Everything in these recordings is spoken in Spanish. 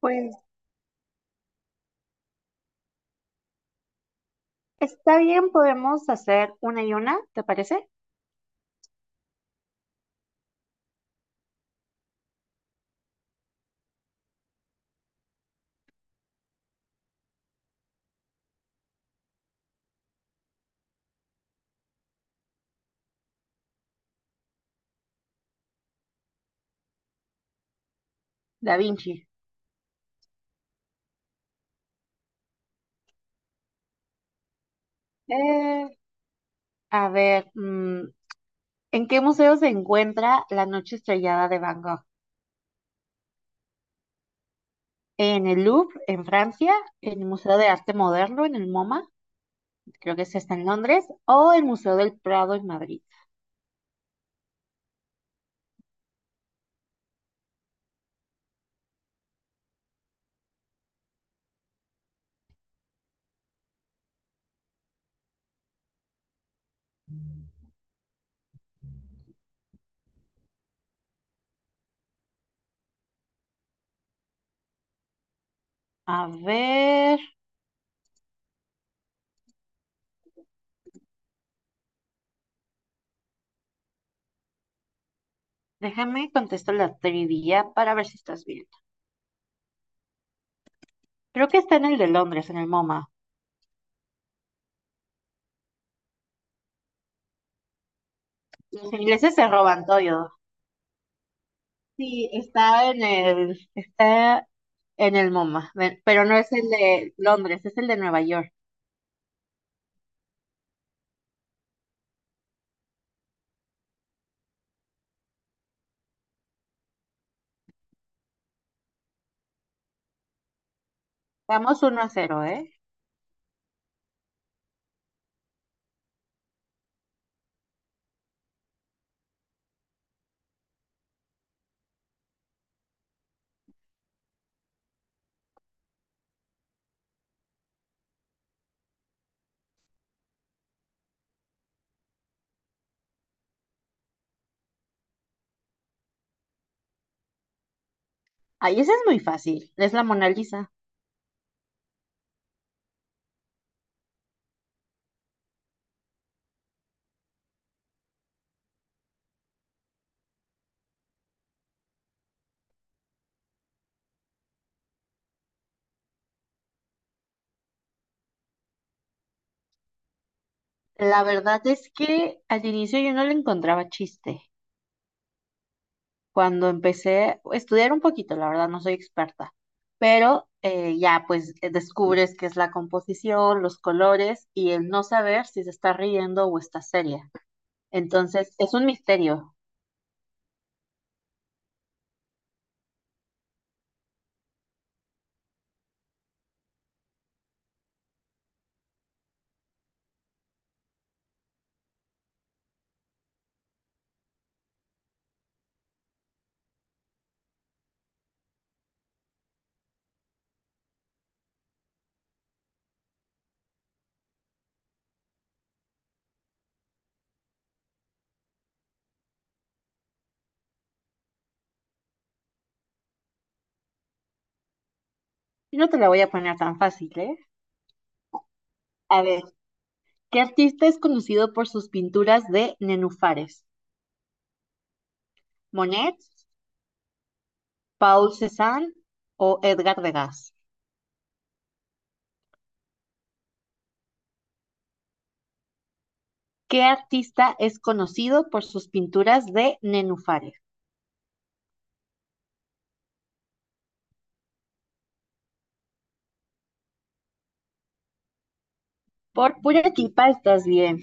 Pues está bien, podemos hacer una y una, ¿te parece? Da Vinci. Eh, a ver, ¿en qué museo se encuentra La Noche Estrellada de Van Gogh? ¿En el Louvre, en Francia? ¿En el Museo de Arte Moderno, en el MoMA? Creo que ese está en Londres. ¿O el Museo del Prado, en Madrid? A ver, déjame contestar la trivia para ver si estás bien. Creo que está en el de Londres, en el MoMA. Los ingleses se roban todo. Sí, está en el MoMA, pero no es el de Londres, es el de Nueva York. Vamos 1-0, ¿eh? Ahí ese es muy fácil, es la Mona Lisa. La verdad es que al inicio yo no le encontraba chiste. Cuando empecé a estudiar un poquito, la verdad no soy experta, pero ya pues descubres qué es la composición, los colores y el no saber si se está riendo o está seria. Entonces es un misterio. Y no te la voy a poner tan fácil, ¿eh? A ver. ¿Qué artista es conocido por sus pinturas de nenúfares? ¿Monet, Paul Cézanne o Edgar Degas? ¿Qué artista es conocido por sus pinturas de nenúfares? Por pura tipa estás bien.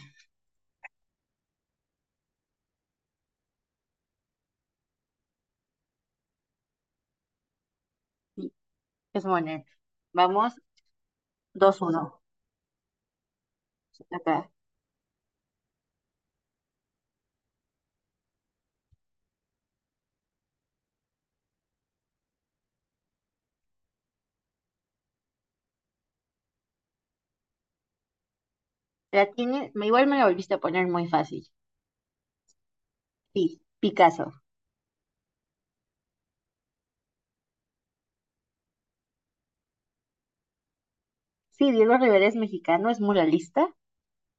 Sí, es Monet. Vamos, 2-1. Acá. La tiene, igual me la volviste a poner muy fácil. Sí, Picasso. Sí, Diego Rivera es mexicano, es muralista.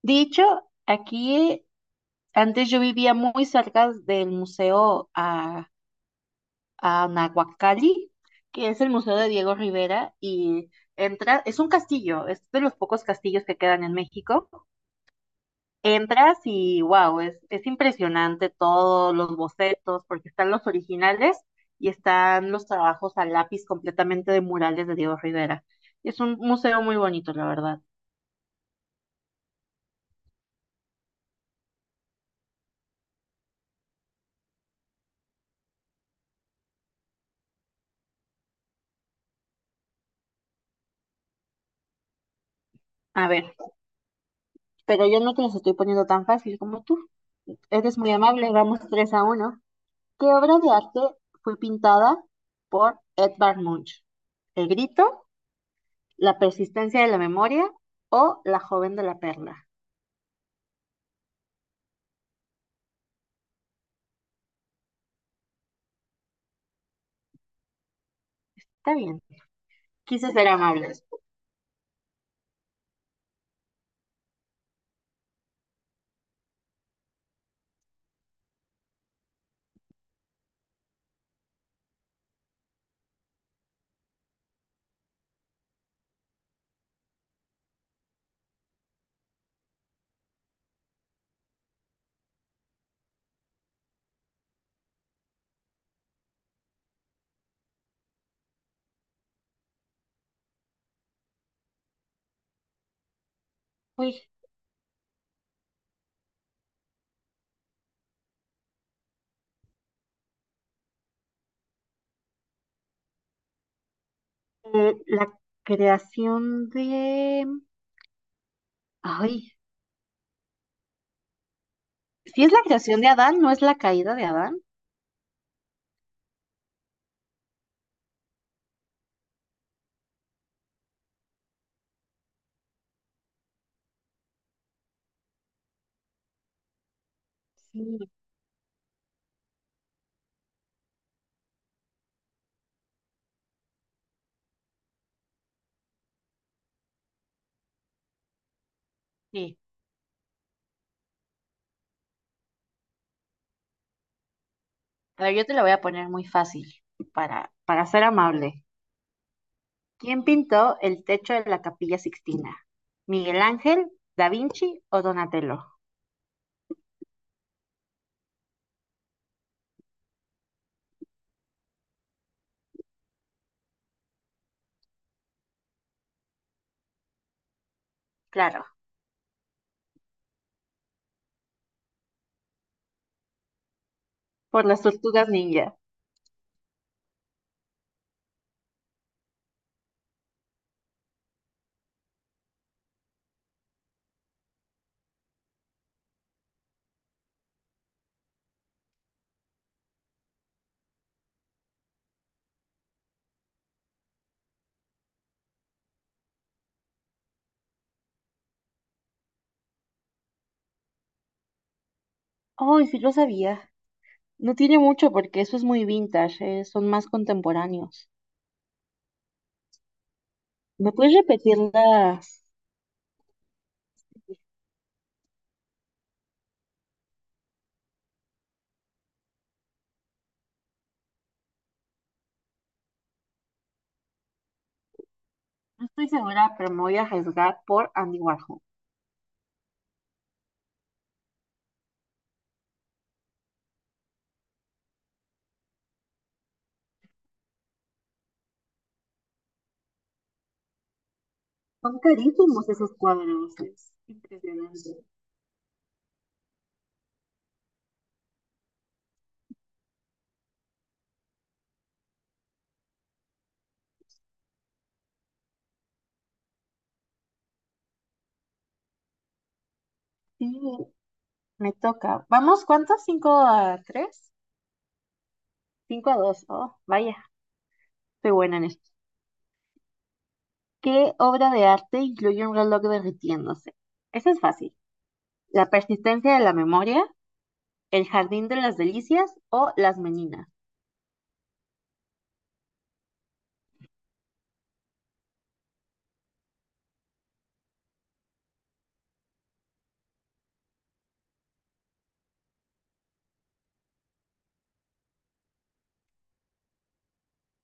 Dicho, aquí antes yo vivía muy cerca del museo a Nahuacalli, que es el Museo de Diego Rivera, y entras, es un castillo, es de los pocos castillos que quedan en México. Entras y wow, es impresionante todos los bocetos, porque están los originales y están los trabajos a lápiz completamente de murales de Diego Rivera. Es un museo muy bonito, la verdad. A ver, pero yo no te los estoy poniendo tan fácil como tú. Eres muy amable, vamos 3-1. ¿Qué obra de arte fue pintada por Edvard Munch? ¿El grito, la persistencia de la memoria o la joven de la perla? Está bien. Quise ser amable. Uy, la creación de... Ay, si es la creación de Adán, ¿no es la caída de Adán? Sí, sí. A ver, yo te la voy a poner muy fácil para ser amable. ¿Quién pintó el techo de la Capilla Sixtina? ¿Miguel Ángel, Da Vinci o Donatello? Claro. Por las tortugas ninja. Ay, sí lo sabía. No tiene mucho porque eso es muy vintage, son más contemporáneos. ¿Me puedes repetir las? No estoy segura, pero me voy a arriesgar por Andy Warhol. Son carísimos esos cuadros. Es impresionante. Sí, me toca. ¿Vamos cuántos? ¿5-3? 5-2. Oh, vaya, estoy buena en esto. ¿Qué obra de arte incluye un reloj derritiéndose? Eso es fácil. La persistencia de la memoria, El jardín de las delicias o las meninas.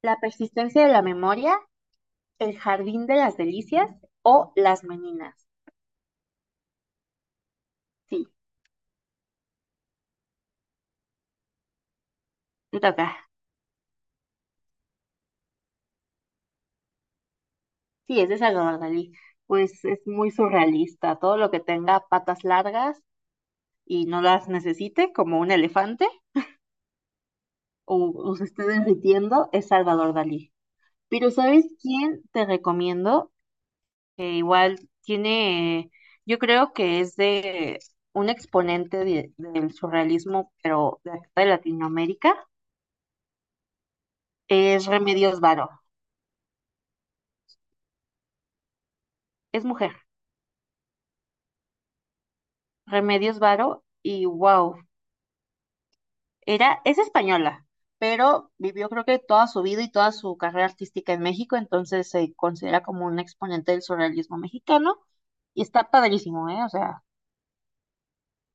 La persistencia de la memoria, el jardín de las delicias o las meninas. Sí, te toca. Sí, es de Salvador Dalí. Pues es muy surrealista. Todo lo que tenga patas largas y no las necesite, como un elefante o se esté derritiendo, es Salvador Dalí. Pero ¿sabes quién te recomiendo? Que igual tiene, yo creo que es de un exponente del surrealismo, pero de acá de Latinoamérica, es Remedios Varo, es mujer, Remedios Varo, y wow, era, es española, pero vivió creo que toda su vida y toda su carrera artística en México, entonces se considera como un exponente del surrealismo mexicano, y está padrísimo, ¿eh? O sea,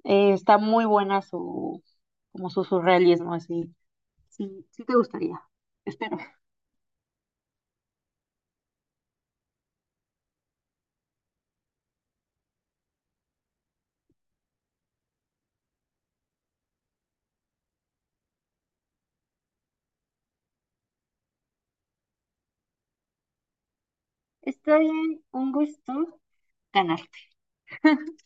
está muy buena su, como su surrealismo, así, sí, sí te gustaría, espero. Está bien, un gusto ganar.